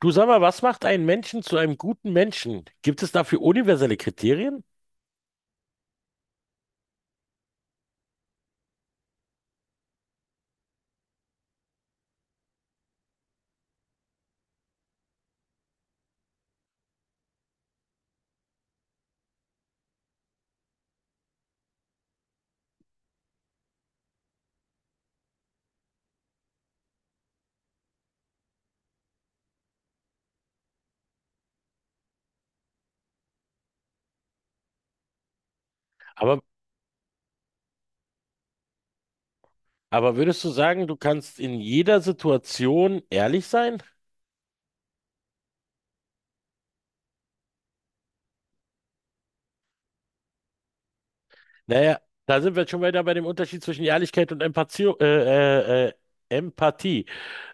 Du sag mal, was macht einen Menschen zu einem guten Menschen? Gibt es dafür universelle Kriterien? Aber, aber würdest du sagen, du kannst in jeder Situation ehrlich sein? Naja, da sind wir jetzt schon wieder bei dem Unterschied zwischen Ehrlichkeit und Empathie. Äh, äh, Empathie.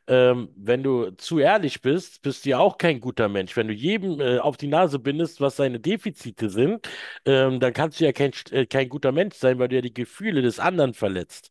Wenn du zu ehrlich bist, bist du ja auch kein guter Mensch. Wenn du jedem auf die Nase bindest, was seine Defizite sind, dann kannst du ja kein guter Mensch sein, weil du ja die Gefühle des anderen verletzt.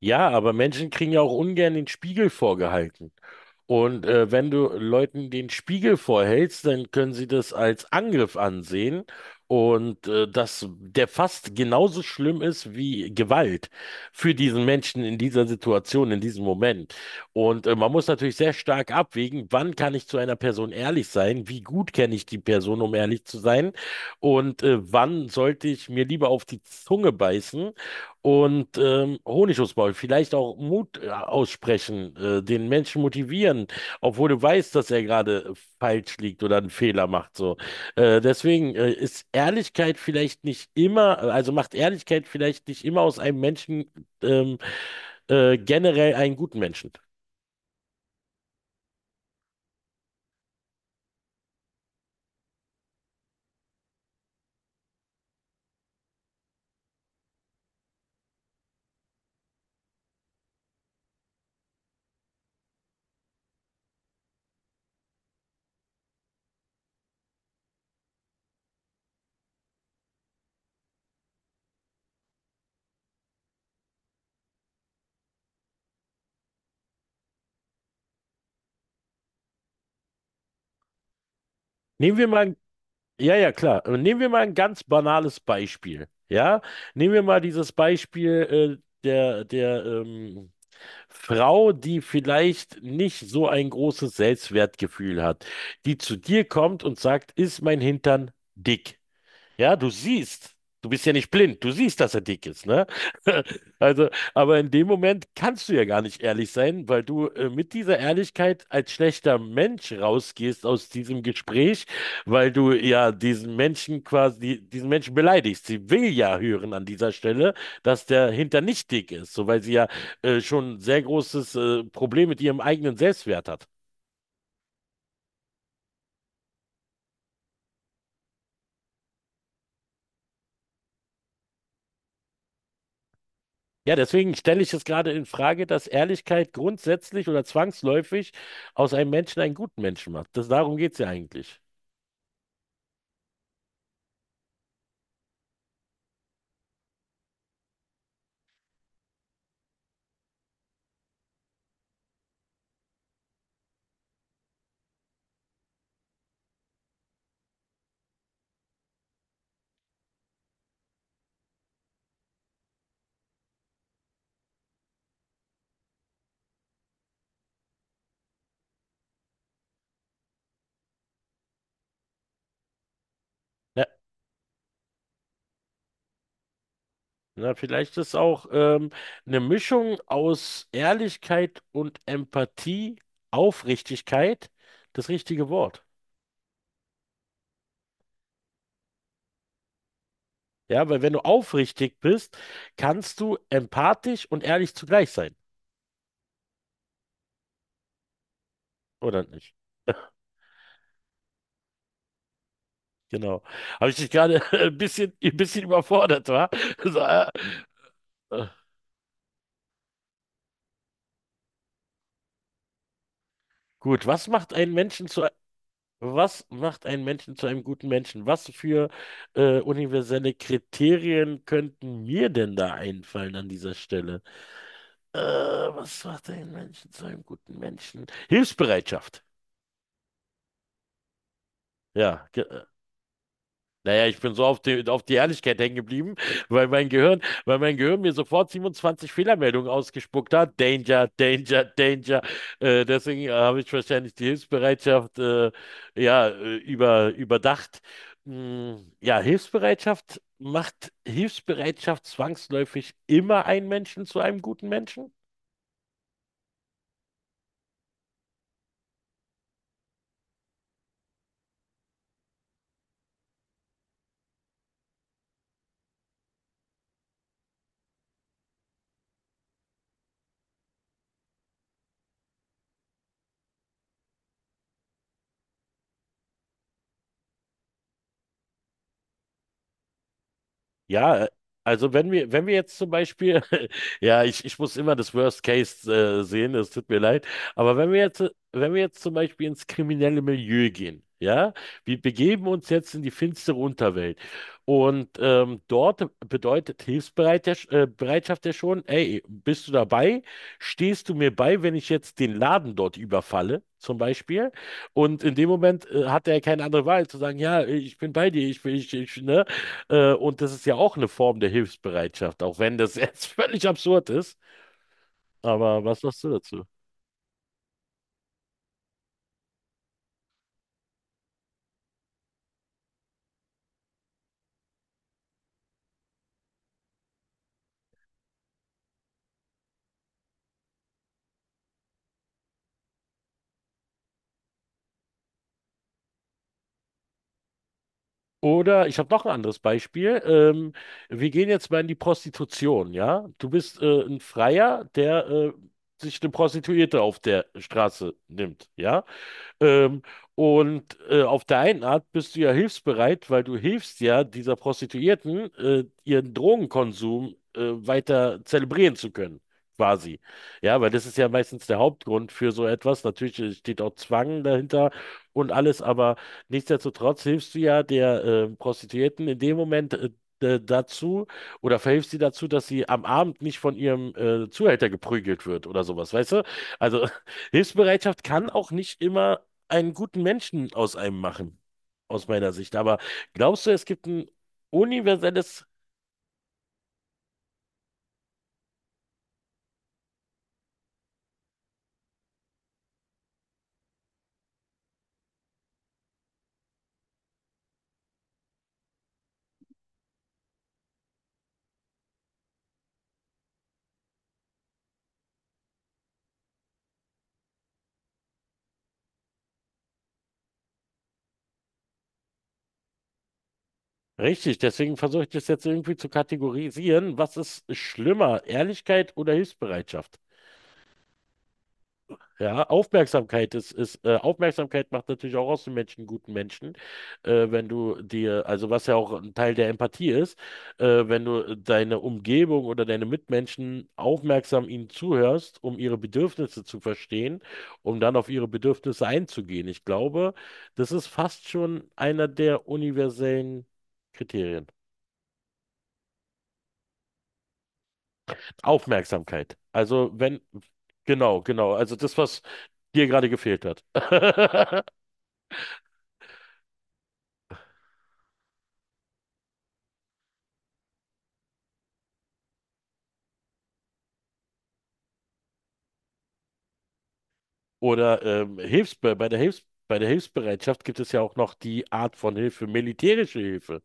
Ja, aber Menschen kriegen ja auch ungern den Spiegel vorgehalten. Und wenn du Leuten den Spiegel vorhältst, dann können sie das als Angriff ansehen und der fast genauso schlimm ist wie Gewalt für diesen Menschen in dieser Situation, in diesem Moment. Und man muss natürlich sehr stark abwägen, wann kann ich zu einer Person ehrlich sein, wie gut kenne ich die Person, um ehrlich zu sein, und wann sollte ich mir lieber auf die Zunge beißen und Honig ums Maul, vielleicht auch Mut aussprechen, den Menschen motivieren, obwohl du weißt, dass er gerade falsch liegt oder einen Fehler macht. So. Deswegen ist Ehrlichkeit vielleicht nicht immer, also macht Ehrlichkeit vielleicht nicht immer aus einem Menschen ähm, generell einen guten Menschen. Nehmen wir mal, ja, klar. Nehmen wir mal ein ganz banales Beispiel. Ja, nehmen wir mal dieses Beispiel Frau, die vielleicht nicht so ein großes Selbstwertgefühl hat, die zu dir kommt und sagt, ist mein Hintern dick? Ja, du siehst. Du bist ja nicht blind. Du siehst, dass er dick ist, ne? Also, aber in dem Moment kannst du ja gar nicht ehrlich sein, weil du mit dieser Ehrlichkeit als schlechter Mensch rausgehst aus diesem Gespräch, weil du ja diesen Menschen beleidigst. Sie will ja hören an dieser Stelle, dass der Hintern nicht dick ist, so weil sie ja schon ein sehr großes Problem mit ihrem eigenen Selbstwert hat. Ja, deswegen stelle ich es gerade in Frage, dass Ehrlichkeit grundsätzlich oder zwangsläufig aus einem Menschen einen guten Menschen macht. Darum geht es ja eigentlich. Ja, na, vielleicht ist auch eine Mischung aus Ehrlichkeit und Empathie, Aufrichtigkeit das richtige Wort. Ja, weil wenn du aufrichtig bist, kannst du empathisch und ehrlich zugleich sein, oder nicht? Genau. Habe ich dich gerade ein bisschen überfordert, war? So, äh, äh, gut, was macht einen Menschen zu Was macht einen Menschen zu einem guten Menschen? Was für universelle Kriterien könnten mir denn da einfallen an dieser Stelle? Was macht einen Menschen zu einem guten Menschen? Hilfsbereitschaft. Ja, ge- äh, Naja, ich bin so auf die Ehrlichkeit hängen geblieben, weil mein Gehirn, weil mein Gehirn mir sofort 27 Fehlermeldungen ausgespuckt hat. Danger, Danger, Danger. Deswegen habe ich wahrscheinlich die Hilfsbereitschaft überdacht. Ja, Hilfsbereitschaft macht Hilfsbereitschaft zwangsläufig immer einen Menschen zu einem guten Menschen? Ja, äh, wenn wir jetzt zum Beispiel, ich muss immer das Worst Case sehen, es tut mir leid, wenn wir jetzt zum Beispiel ins kriminelle Milieu gehen, ja, wir begeben uns jetzt in die finstere Unterwelt und dort bedeutet Hilfsbereitschaft Bereitschaft ja schon, ey, bist du dabei? Stehst du mir bei, wenn ich jetzt den Laden dort überfalle? Zum Beispiel. Und in dem Moment hat er keine andere Wahl zu sagen, ja, ich bin bei dir, ich bin, ich, ne? Und das ist ja auch eine Form der Hilfsbereitschaft, auch wenn das jetzt völlig absurd ist. Aber was sagst du dazu? Oder ich habe noch ein anderes Beispiel. Wir gehen jetzt mal in die Prostitution, ja? Du bist ein Freier, der sich eine Prostituierte auf der Straße nimmt, ja? Ähm, und auf der einen Art bist du ja hilfsbereit, weil du hilfst ja dieser Prostituierten, ihren Drogenkonsum weiter zelebrieren zu können, quasi. Ja, weil das ist ja meistens der Hauptgrund für so etwas. Natürlich steht auch Zwang dahinter und alles, aber nichtsdestotrotz hilfst du ja der Prostituierten in dem Moment dazu oder verhilfst sie dazu, dass sie am Abend nicht von ihrem Zuhälter geprügelt wird oder sowas, weißt du? Also Hilfsbereitschaft kann auch nicht immer einen guten Menschen aus einem machen, aus meiner Sicht. Aber glaubst du, es gibt ein universelles Deswegen versuche ich das jetzt irgendwie zu kategorisieren. Was ist schlimmer, Ehrlichkeit oder Hilfsbereitschaft? Ja, Aufmerksamkeit ist, ist Aufmerksamkeit macht natürlich auch aus dem Menschen einen guten Menschen, wenn du dir, also was ja auch ein Teil der Empathie ist, wenn du deine Umgebung oder deine Mitmenschen aufmerksam ihnen zuhörst, um ihre Bedürfnisse zu verstehen, um dann auf ihre Bedürfnisse einzugehen. Ich glaube, das ist fast schon einer der universellen Kriterien. Aufmerksamkeit. Also wenn, genau, genau, also das, was dir gerade gefehlt hat. Oder Hilfs bei der Hilfsbereitschaft gibt es ja auch noch die Art von Hilfe, militärische Hilfe.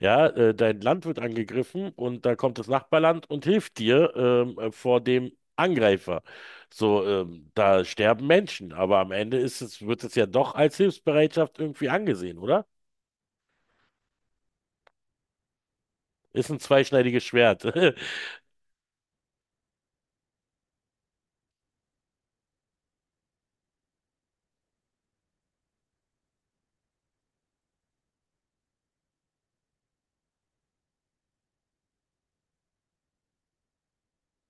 Ja, dein Land wird angegriffen und da kommt das Nachbarland und hilft dir vor dem Angreifer. So, da sterben Menschen, aber am Ende wird es ja doch als Hilfsbereitschaft irgendwie angesehen, oder? Ist ein zweischneidiges Schwert.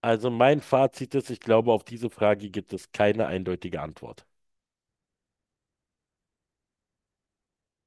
Also mein Fazit ist, ich glaube, auf diese Frage gibt es keine eindeutige Antwort.